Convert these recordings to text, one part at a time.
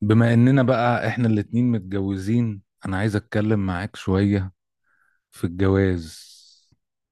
بما اننا بقى احنا الاتنين متجوزين، انا عايز اتكلم معاك شوية في الجواز،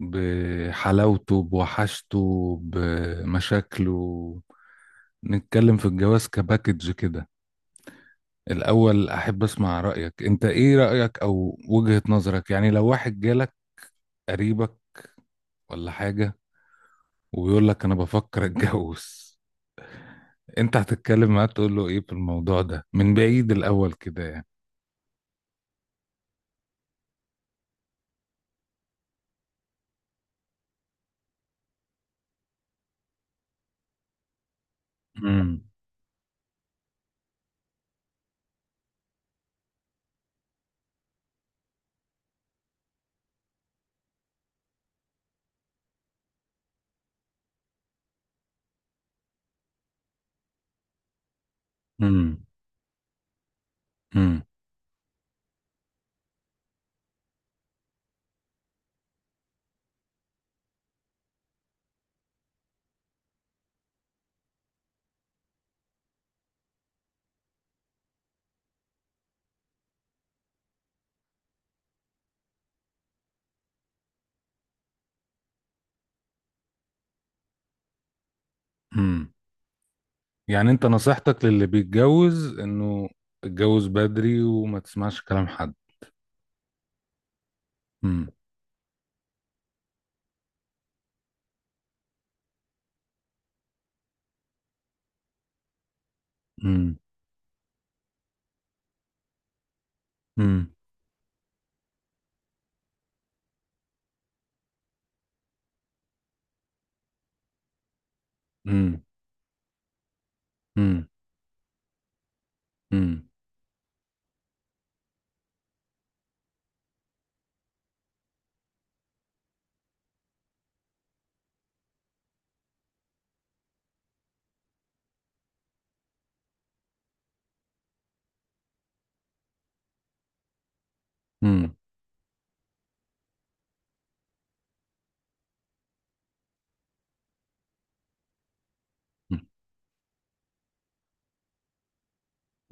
بحلاوته بوحشته بمشاكله. نتكلم في الجواز كباكج كده. الاول احب اسمع رأيك، انت ايه رأيك او وجهة نظرك؟ يعني لو واحد جالك، قريبك ولا حاجة، وبيقول لك انا بفكر اتجوز، انت هتتكلم معاه تقول له ايه في الموضوع ده من بعيد الاول كده يعني؟ امم. امم. امم. يعني انت نصيحتك للي بيتجوز انه اتجوز بدري وما تسمعش كلام حد؟ امم. امم. امم. امم. امم. امم. امم.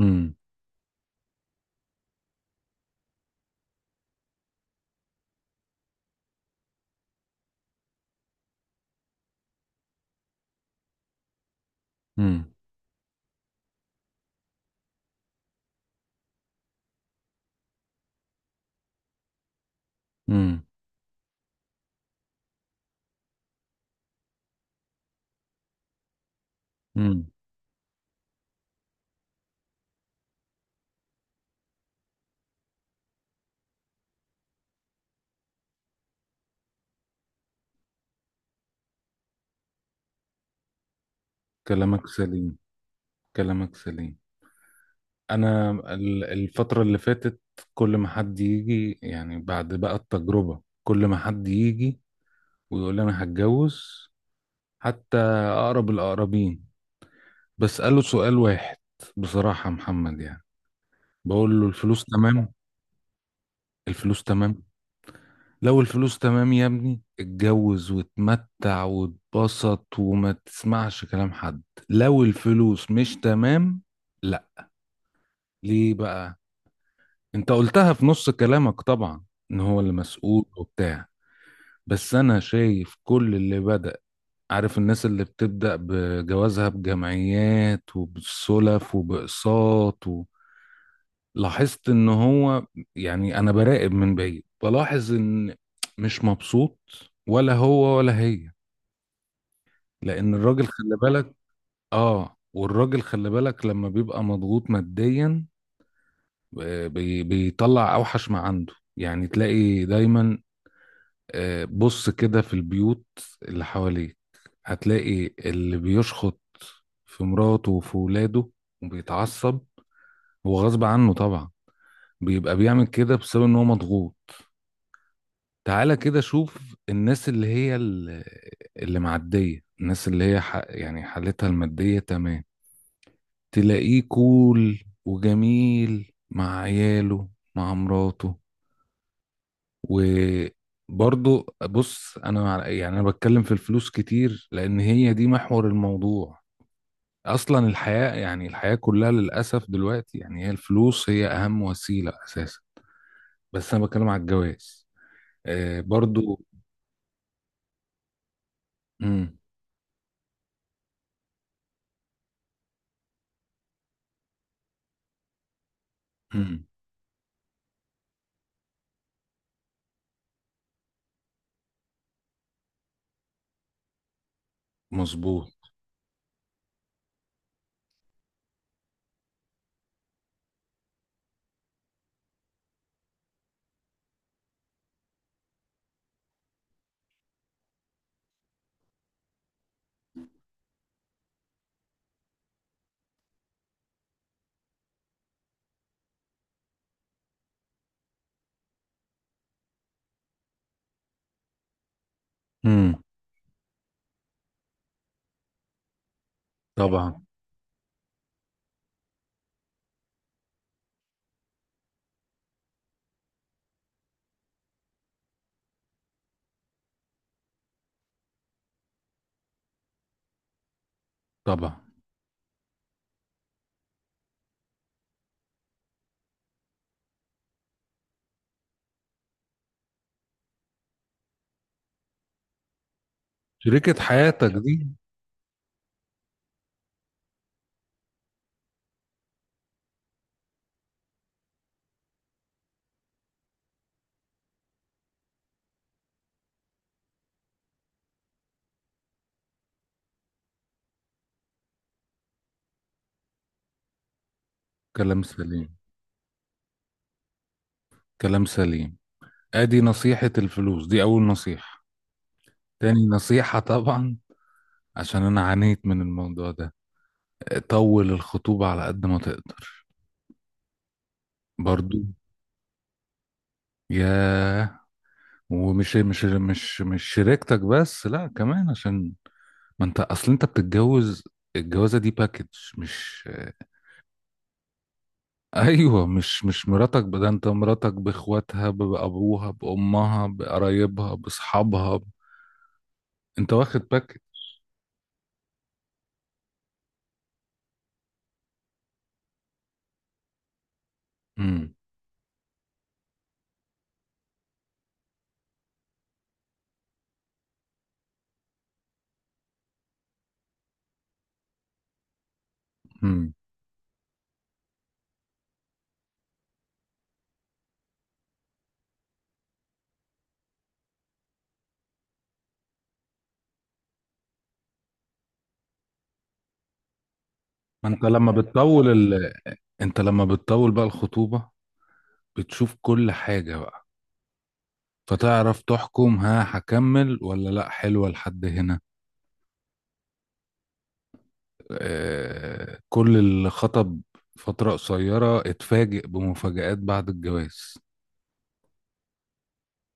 امم. امم. امم. امم. كلامك سليم. كلامك سليم. انا الفترة اللي فاتت، كل ما حد يجي، يعني بعد بقى التجربة، كل ما حد يجي ويقول لي انا هتجوز، حتى اقرب الاقربين، بسأله سؤال واحد. بصراحة يا محمد يعني بقول له الفلوس تمام؟ الفلوس تمام. لو الفلوس تمام يا ابني، اتجوز واتمتع واتبسط وما تسمعش كلام حد. لو الفلوس مش تمام، لا. ليه بقى؟ انت قلتها في نص كلامك طبعا، ان هو اللي مسؤول وبتاع. بس انا شايف كل اللي بدأ، عارف الناس اللي بتبدأ بجوازها بجمعيات وبالسلف وبأقساط و... لاحظت ان هو، يعني انا براقب من بعيد بلاحظ ان مش مبسوط، ولا هو ولا هي. لان الراجل خلي بالك، اه، والراجل خلي بالك لما بيبقى مضغوط ماديا. آه، بيطلع اوحش ما عنده، يعني تلاقي دايما. آه، بص كده في البيوت اللي حواليك، هتلاقي اللي بيشخط في مراته وفي ولاده وبيتعصب. هو غصب عنه طبعا، بيبقى بيعمل كده بسبب ان هو مضغوط. تعالى كده شوف الناس اللي هي اللي معدية، الناس اللي هي يعني حالتها المادية تمام. تلاقيه كول وجميل مع عياله، مع مراته. وبرضه بص، انا يعني انا بتكلم في الفلوس كتير، لان هي دي محور الموضوع. اصلا الحياة، يعني الحياة كلها للأسف دلوقتي، يعني هي الفلوس هي اهم وسيلة اساسا. بس انا بتكلم على الجواز آه برضه. امم. مظبوط. طبعا. طبعا. شريكة حياتك دي. كلام سليم. كلام سليم. ادي نصيحة الفلوس دي اول نصيحة. تاني نصيحة طبعا، عشان انا عانيت من الموضوع ده، طول الخطوبة على قد ما تقدر برضو. ياه. ومش مش مش مش شريكتك بس، لا كمان عشان ما انت اصل انت بتتجوز. الجوازة دي باكج، مش ايوه، مش مراتك، ده انت مراتك باخواتها بابوها بامها بقرايبها باصحابها. انت واخد باك. امم. امم. ما انت لما بتطول انت لما بتطول بقى الخطوبة، بتشوف كل حاجة بقى. فتعرف تحكم، هكمل ولا لا، حلوة لحد هنا. كل اللي خطب فترة قصيرة، اتفاجئ بمفاجآت بعد الجواز.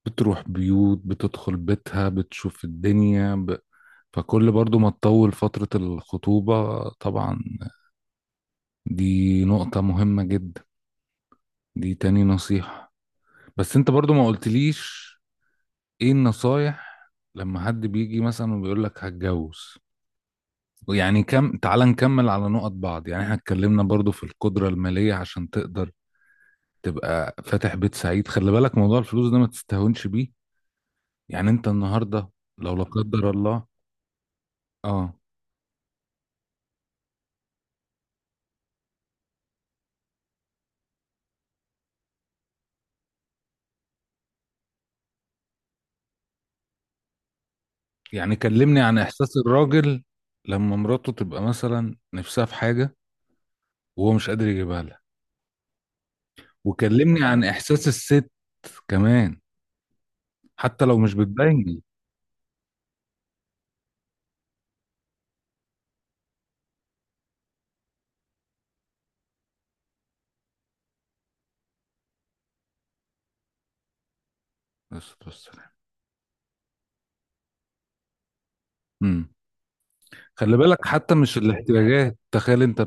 بتروح بيوت، بتدخل بيتها، بتشوف الدنيا فكل برضو ما تطول فترة الخطوبة طبعا، دي نقطة مهمة جدا. دي تاني نصيحة. بس انت برضو ما قلتليش ايه النصايح لما حد بيجي مثلا وبيقول لك هتجوز. ويعني كم، تعال نكمل على نقط بعض، يعني احنا اتكلمنا برضو في القدرة المالية عشان تقدر تبقى فاتح بيت سعيد. خلي بالك موضوع الفلوس ده ما تستهونش بيه. يعني انت النهاردة لو لا قدر الله، اه. يعني كلمني عن احساس الراجل لما مراته تبقى مثلا نفسها في حاجة وهو مش قادر يجيبها لها، وكلمني عن احساس الست كمان، حتى لو مش بتبين. بس بس. امم. خلي بالك حتى مش الاحتياجات، تخيل انت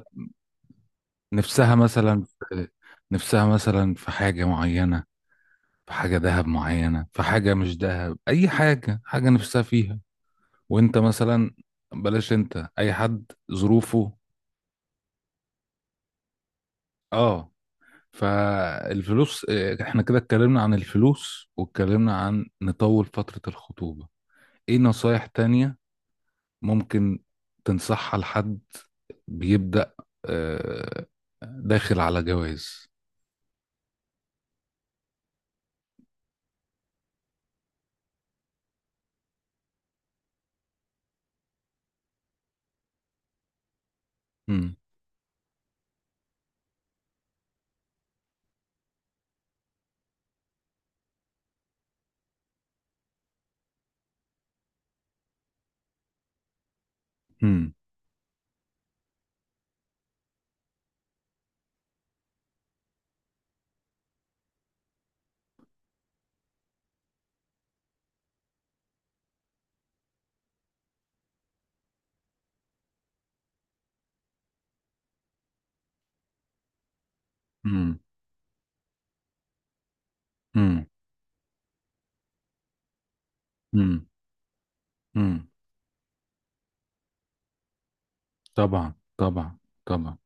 نفسها مثلا في نفسها مثلا في حاجة معينة، في حاجة ذهب معينة، في حاجة مش ذهب، أي حاجة نفسها فيها. وانت مثلا، بلاش انت أي حد ظروفه، اه. فالفلوس اه، احنا كده اتكلمنا عن الفلوس واتكلمنا عن نطول فترة الخطوبة. ايه نصايح تانية ممكن تنصحها لحد بيبدأ اه، داخل على جواز؟ مم. مم. مم. مم. مم. مم. طبعا. طبعا. طبعا.